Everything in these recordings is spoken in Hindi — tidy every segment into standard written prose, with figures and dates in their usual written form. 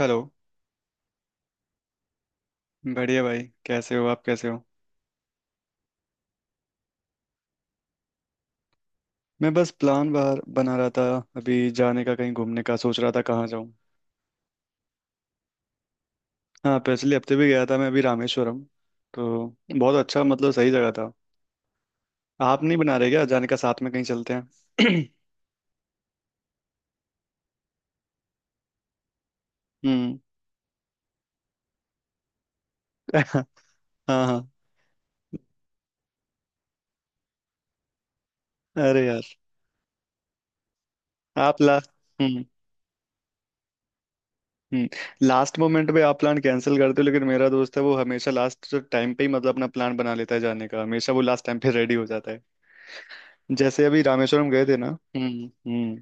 हेलो। बढ़िया भाई। कैसे हो आप, कैसे हो? मैं बस प्लान बाहर बना रहा था। अभी जाने का, कहीं घूमने का सोच रहा था, कहाँ जाऊँ। हाँ, पिछले हफ्ते भी गया था मैं अभी रामेश्वरम। तो बहुत अच्छा, मतलब सही जगह था। आप नहीं बना रहे क्या जाने का? साथ में कहीं चलते हैं। हम्म। हाँ हाँ। अरे यार। आप ला हम्म। हम्म। लास्ट मोमेंट पे आप प्लान कैंसिल करते हो, लेकिन मेरा दोस्त है, वो हमेशा लास्ट टाइम पे ही मतलब अपना प्लान बना लेता है जाने का, हमेशा वो लास्ट टाइम पे रेडी हो जाता है। जैसे अभी रामेश्वरम गए थे ना। हम्म। हम्म।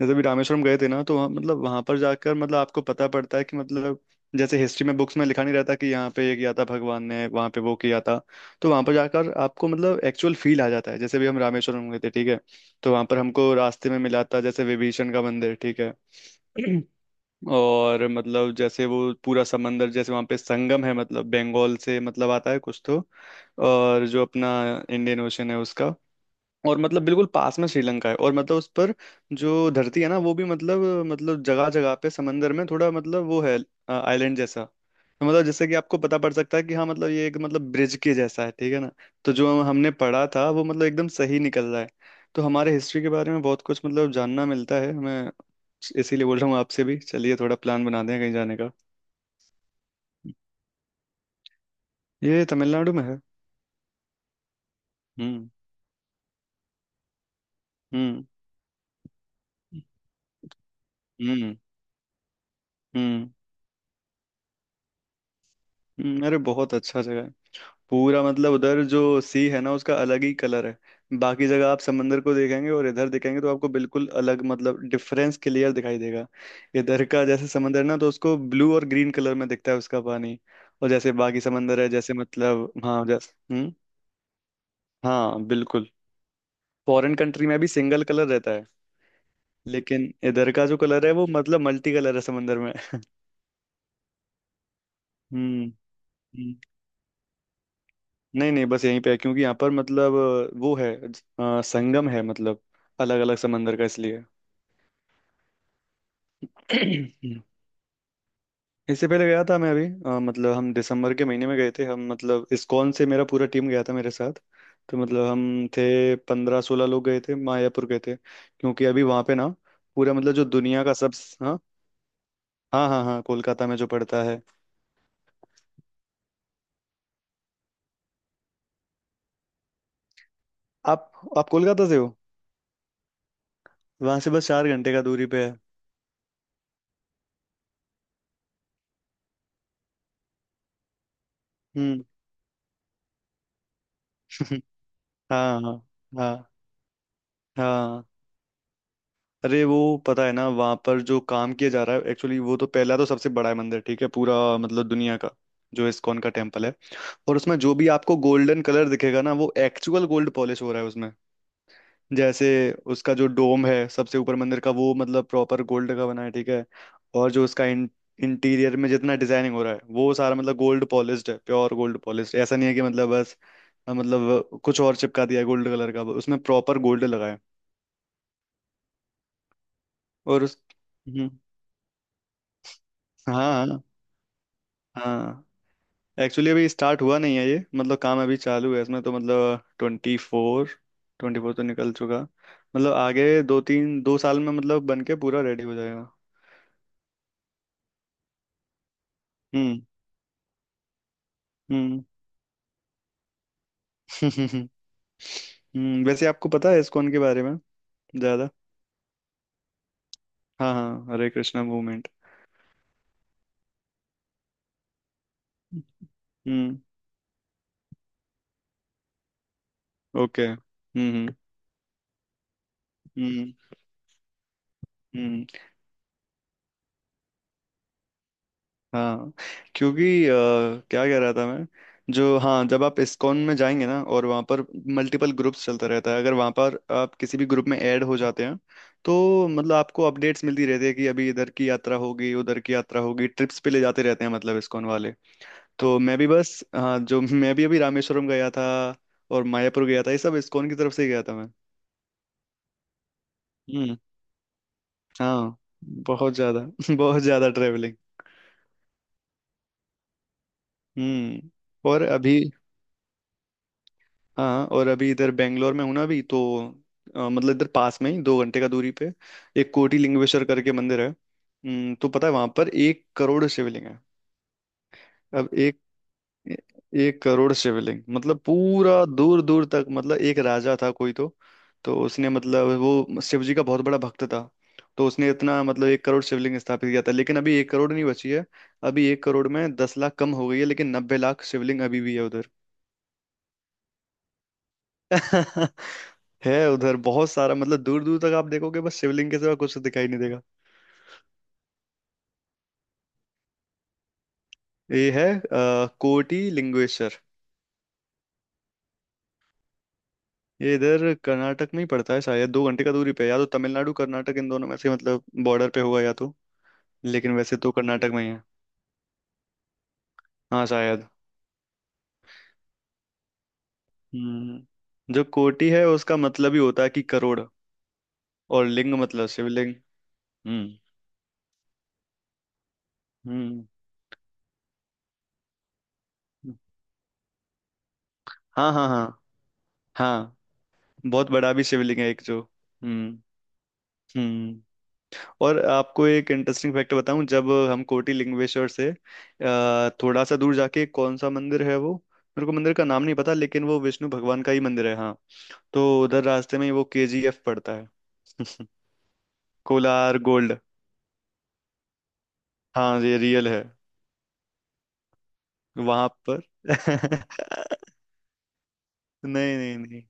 जैसे भी रामेश्वरम गए थे ना, तो वहाँ मतलब वहां पर जाकर मतलब आपको पता पड़ता है कि मतलब जैसे हिस्ट्री में, बुक्स में लिखा नहीं रहता कि यहाँ पे ये किया था भगवान ने, वहां पे वो किया था। तो वहां पर जाकर आपको मतलब एक्चुअल फील आ जाता है, जैसे भी हम रामेश्वरम गए थे, ठीक है। तो वहां पर हमको रास्ते में मिला था जैसे विभीषण का मंदिर, ठीक है। और मतलब जैसे वो पूरा समंदर, जैसे वहाँ पे संगम है, मतलब बंगाल से मतलब आता है कुछ तो, और जो अपना इंडियन ओशन है उसका। और मतलब बिल्कुल पास में श्रीलंका है, और मतलब उस पर जो धरती है ना, वो भी मतलब जगह जगह पे समंदर में थोड़ा मतलब वो है, आइलैंड जैसा। तो मतलब जैसे कि आपको पता पड़ सकता है कि हाँ मतलब ये एक मतलब ब्रिज के जैसा है, ठीक है ना। तो जो हमने पढ़ा था वो मतलब एकदम सही निकल रहा है। तो हमारे हिस्ट्री के बारे में बहुत कुछ मतलब जानना मिलता है, मैं इसीलिए बोल रहा हूँ आपसे भी, चलिए थोड़ा प्लान बनाते हैं कहीं जाने का। ये तमिलनाडु में है। हम्म। हम्म। हम्म। हम्म। हम्म। अरे, बहुत अच्छा जगह है। पूरा मतलब उधर जो सी है ना, उसका अलग ही कलर है। बाकी जगह आप समंदर को देखेंगे और इधर देखेंगे तो आपको बिल्कुल अलग, मतलब डिफरेंस क्लियर दिखाई देगा। इधर का जैसे समंदर ना, तो उसको ब्लू और ग्रीन कलर में दिखता है उसका पानी। और जैसे बाकी समंदर है, जैसे मतलब हाँ जैसे हम्म। हाँ बिल्कुल। फॉरेन कंट्री में भी सिंगल कलर रहता है। लेकिन इधर का जो कलर है वो मतलब मल्टी कलर है समंदर में। हम्म। हम्म। नहीं नहीं, बस यहीं पे है, क्योंकि यहाँ पर मतलब वो है संगम है, मतलब अलग अलग समंदर का, इसलिए। इससे पहले गया था मैं अभी मतलब हम दिसंबर के महीने में गए थे, हम मतलब इस्कॉन से मेरा पूरा टीम गया था मेरे साथ। तो मतलब हम थे 15-16 लोग, गए थे मायापुर गए थे, क्योंकि अभी वहाँ पे ना पूरा मतलब जो दुनिया का सब। हाँ हाँ हाँ हाँ, कोलकाता में जो पड़ता है। आप आप कोलकाता से हो? वहाँ से बस 4 घंटे का दूरी पे है। हम्म। हाँ हाँ हाँ हाँ। अरे वो पता है ना वहाँ पर जो काम किया जा रहा है, एक्चुअली वो तो पहला तो सबसे बड़ा है मंदिर, ठीक है, पूरा मतलब दुनिया का जो इस्कॉन का टेम्पल है। और उसमें जो भी आपको गोल्डन कलर दिखेगा ना, वो एक्चुअल गोल्ड पॉलिश हो रहा है उसमें। जैसे उसका जो डोम है सबसे ऊपर मंदिर का, वो मतलब प्रॉपर गोल्ड का बना है, ठीक है। और जो उसका इंटीरियर में जितना डिजाइनिंग हो रहा है, वो सारा मतलब गोल्ड पॉलिश्ड है, प्योर गोल्ड पॉलिश्ड, ऐसा नहीं है कि मतलब बस मतलब कुछ और चिपका दिया है गोल्ड कलर का, उसमें प्रॉपर गोल्ड लगा है। और उस हम्म। हाँ हाँ हाँ। एक्चुअली अभी स्टार्ट हुआ नहीं है ये, मतलब काम अभी चालू है इसमें, तो मतलब ट्वेंटी फोर तो निकल चुका। मतलब आगे दो तीन, दो साल में मतलब बन के पूरा रेडी हो जाएगा। हम्म। हम्म। हम्म, वैसे आपको पता है इस्कॉन के बारे में ज्यादा? हाँ हाँ हरे कृष्णा मूवमेंट। हम्म। ओके। हम्म। okay। हम्म। हम्म। हम्म। हाँ, क्योंकि क्या कह रहा था मैं, जो हाँ जब आप इस्कॉन में जाएंगे ना और वहाँ पर मल्टीपल ग्रुप्स चलता रहता है, अगर वहाँ पर आप किसी भी ग्रुप में ऐड हो जाते हैं, तो मतलब आपको अपडेट्स मिलती रहती है कि अभी इधर की यात्रा होगी, उधर की यात्रा होगी, ट्रिप्स पे ले जाते रहते हैं मतलब इस्कॉन वाले। तो मैं भी बस हाँ जो मैं भी अभी रामेश्वरम गया था, और मायापुर गया था, ये सब इस्कॉन की तरफ से ही गया था मैं। हम्म। हाँ। बहुत ज्यादा बहुत ज्यादा ट्रेवलिंग। हम्म। और अभी, हाँ, और अभी इधर बेंगलोर में हूँ ना, अभी तो मतलब इधर पास में ही 2 घंटे का दूरी पे एक कोटी लिंगेश्वर करके मंदिर है। तो पता है वहां पर 1 करोड़ शिवलिंग है। अब एक, एक करोड़ शिवलिंग, मतलब पूरा दूर दूर तक, मतलब एक राजा था कोई तो उसने मतलब वो शिव जी का बहुत बड़ा भक्त था, तो उसने इतना मतलब 1 करोड़ शिवलिंग स्थापित किया था, लेकिन अभी 1 करोड़ नहीं बची है। अभी एक करोड़ में 10 लाख कम हो गई है, लेकिन 90 लाख शिवलिंग अभी भी है उधर। है उधर बहुत सारा, मतलब दूर दूर तक आप देखोगे बस शिवलिंग के सिवा कुछ दिखाई नहीं देगा। ये है कोटी लिंगेश्वर। ये इधर कर्नाटक में ही पड़ता है शायद, 2 घंटे का दूरी पे है। या तो तमिलनाडु कर्नाटक, इन दोनों में से मतलब बॉर्डर पे होगा या तो, लेकिन वैसे तो कर्नाटक में ही है। हाँ, शायद। हम्म, जो कोटी है उसका मतलब ही होता है कि करोड़, और लिंग मतलब शिवलिंग। हम्म। हम्म हाँ हाँ हाँ हाँ। बहुत बड़ा भी शिवलिंग है एक जो। हम्म। हम्म। और आपको एक इंटरेस्टिंग फैक्ट बताऊं, जब हम कोटी लिंगेश्वर से थोड़ा सा दूर जाके कौन सा मंदिर है वो, मेरे को मंदिर का नाम नहीं पता, लेकिन वो विष्णु भगवान का ही मंदिर है हाँ। तो उधर रास्ते में ही वो केजीएफ पड़ता है। कोलार गोल्ड। हाँ ये रियल है। वहां पर नहीं नहीं नहीं।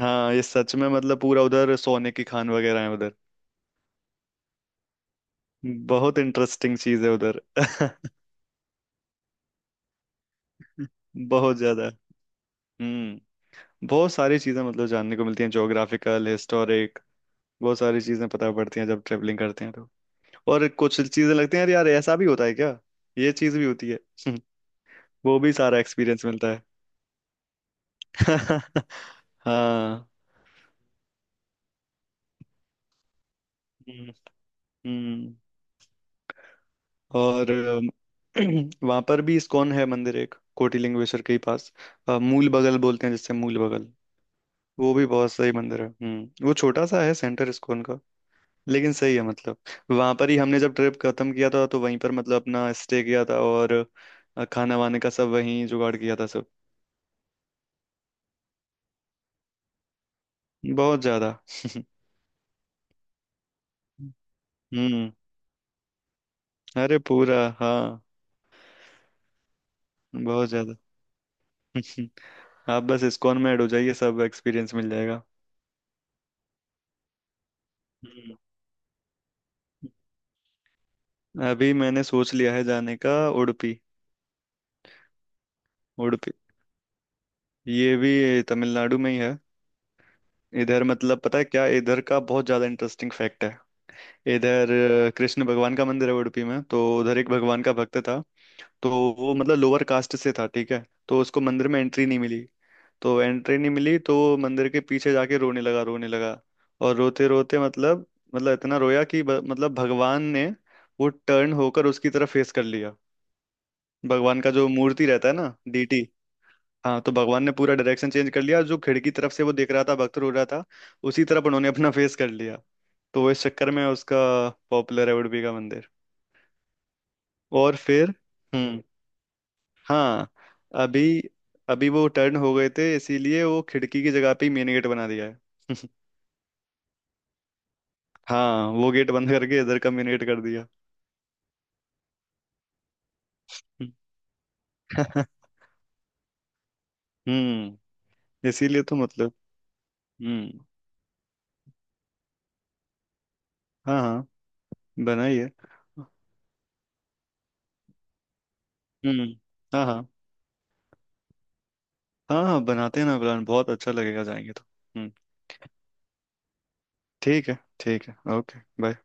हाँ ये सच में, मतलब पूरा उधर सोने की खान वगैरह है उधर। बहुत इंटरेस्टिंग चीज है उधर। बहुत ज्यादा। हम्म। बहुत सारी चीज़ें, मतलब जानने को मिलती हैं, ज्योग्राफिकल, हिस्टोरिक, बहुत सारी चीज़ें पता पड़ती हैं जब ट्रेवलिंग करते हैं तो। और कुछ चीज़ें लगती हैं, यार यार ऐसा भी होता है क्या, ये चीज़ भी होती है। वो भी सारा एक्सपीरियंस मिलता है। हाँ। हम्म। हम्म। और वहाँ पर भी इस्कॉन है मंदिर एक, कोटी लिंगेश्वर के ही पास मूल बगल बोलते हैं जिससे, मूल बगल। वो भी बहुत सही मंदिर है। हम्म, वो छोटा सा है सेंटर इस्कॉन, लेकिन सही है मतलब। वहां पर ही हमने जब ट्रिप खत्म किया था तो वहीं पर मतलब अपना स्टे किया था, और खाना वाने का सब वहीं जुगाड़ किया था सब। बहुत ज्यादा। हम्म, अरे पूरा हाँ। बहुत ज्यादा। आप बस इस्कॉन में ऐड हो जाइए, सब एक्सपीरियंस मिल जाएगा। हम्म। अभी मैंने सोच लिया है जाने का, उडुपी। उडुपी ये भी तमिलनाडु में ही है। इधर मतलब पता है क्या, इधर का बहुत ज्यादा इंटरेस्टिंग फैक्ट है। इधर कृष्ण भगवान का मंदिर है उडुपी में, तो उधर एक भगवान का भक्त था, तो वो मतलब लोअर कास्ट से था, ठीक है, तो उसको मंदिर में एंट्री नहीं मिली। तो एंट्री नहीं मिली तो वो मंदिर के पीछे जाके रोने लगा, रोने लगा, और रोते रोते मतलब, इतना रोया कि मतलब भगवान ने वो टर्न होकर उसकी तरफ फेस कर लिया। भगवान का जो मूर्ति रहता है ना, डीटी। हाँ, तो भगवान ने पूरा डायरेक्शन चेंज कर लिया, जो खिड़की तरफ से वो देख रहा था भक्त रो रहा था, उसी तरफ उन्होंने अपना फेस कर लिया। तो वो इस चक्कर में उसका पॉपुलर है उडुपी का मंदिर। और फिर हम्म हाँ अभी, अभी वो टर्न हो गए थे इसीलिए वो खिड़की की जगह पे ही मेन गेट बना दिया है। हाँ, वो गेट बंद करके इधर का मेन गेट कर दिया। हम्म। इसीलिए तो मतलब। हम्म। हाँ हाँ बनाइए। हम्म। हाँ हाँ हाँ हाँ बनाते हैं ना प्लान, बहुत अच्छा लगेगा जाएंगे तो। हम्म। ठीक है ठीक है, ओके बाय।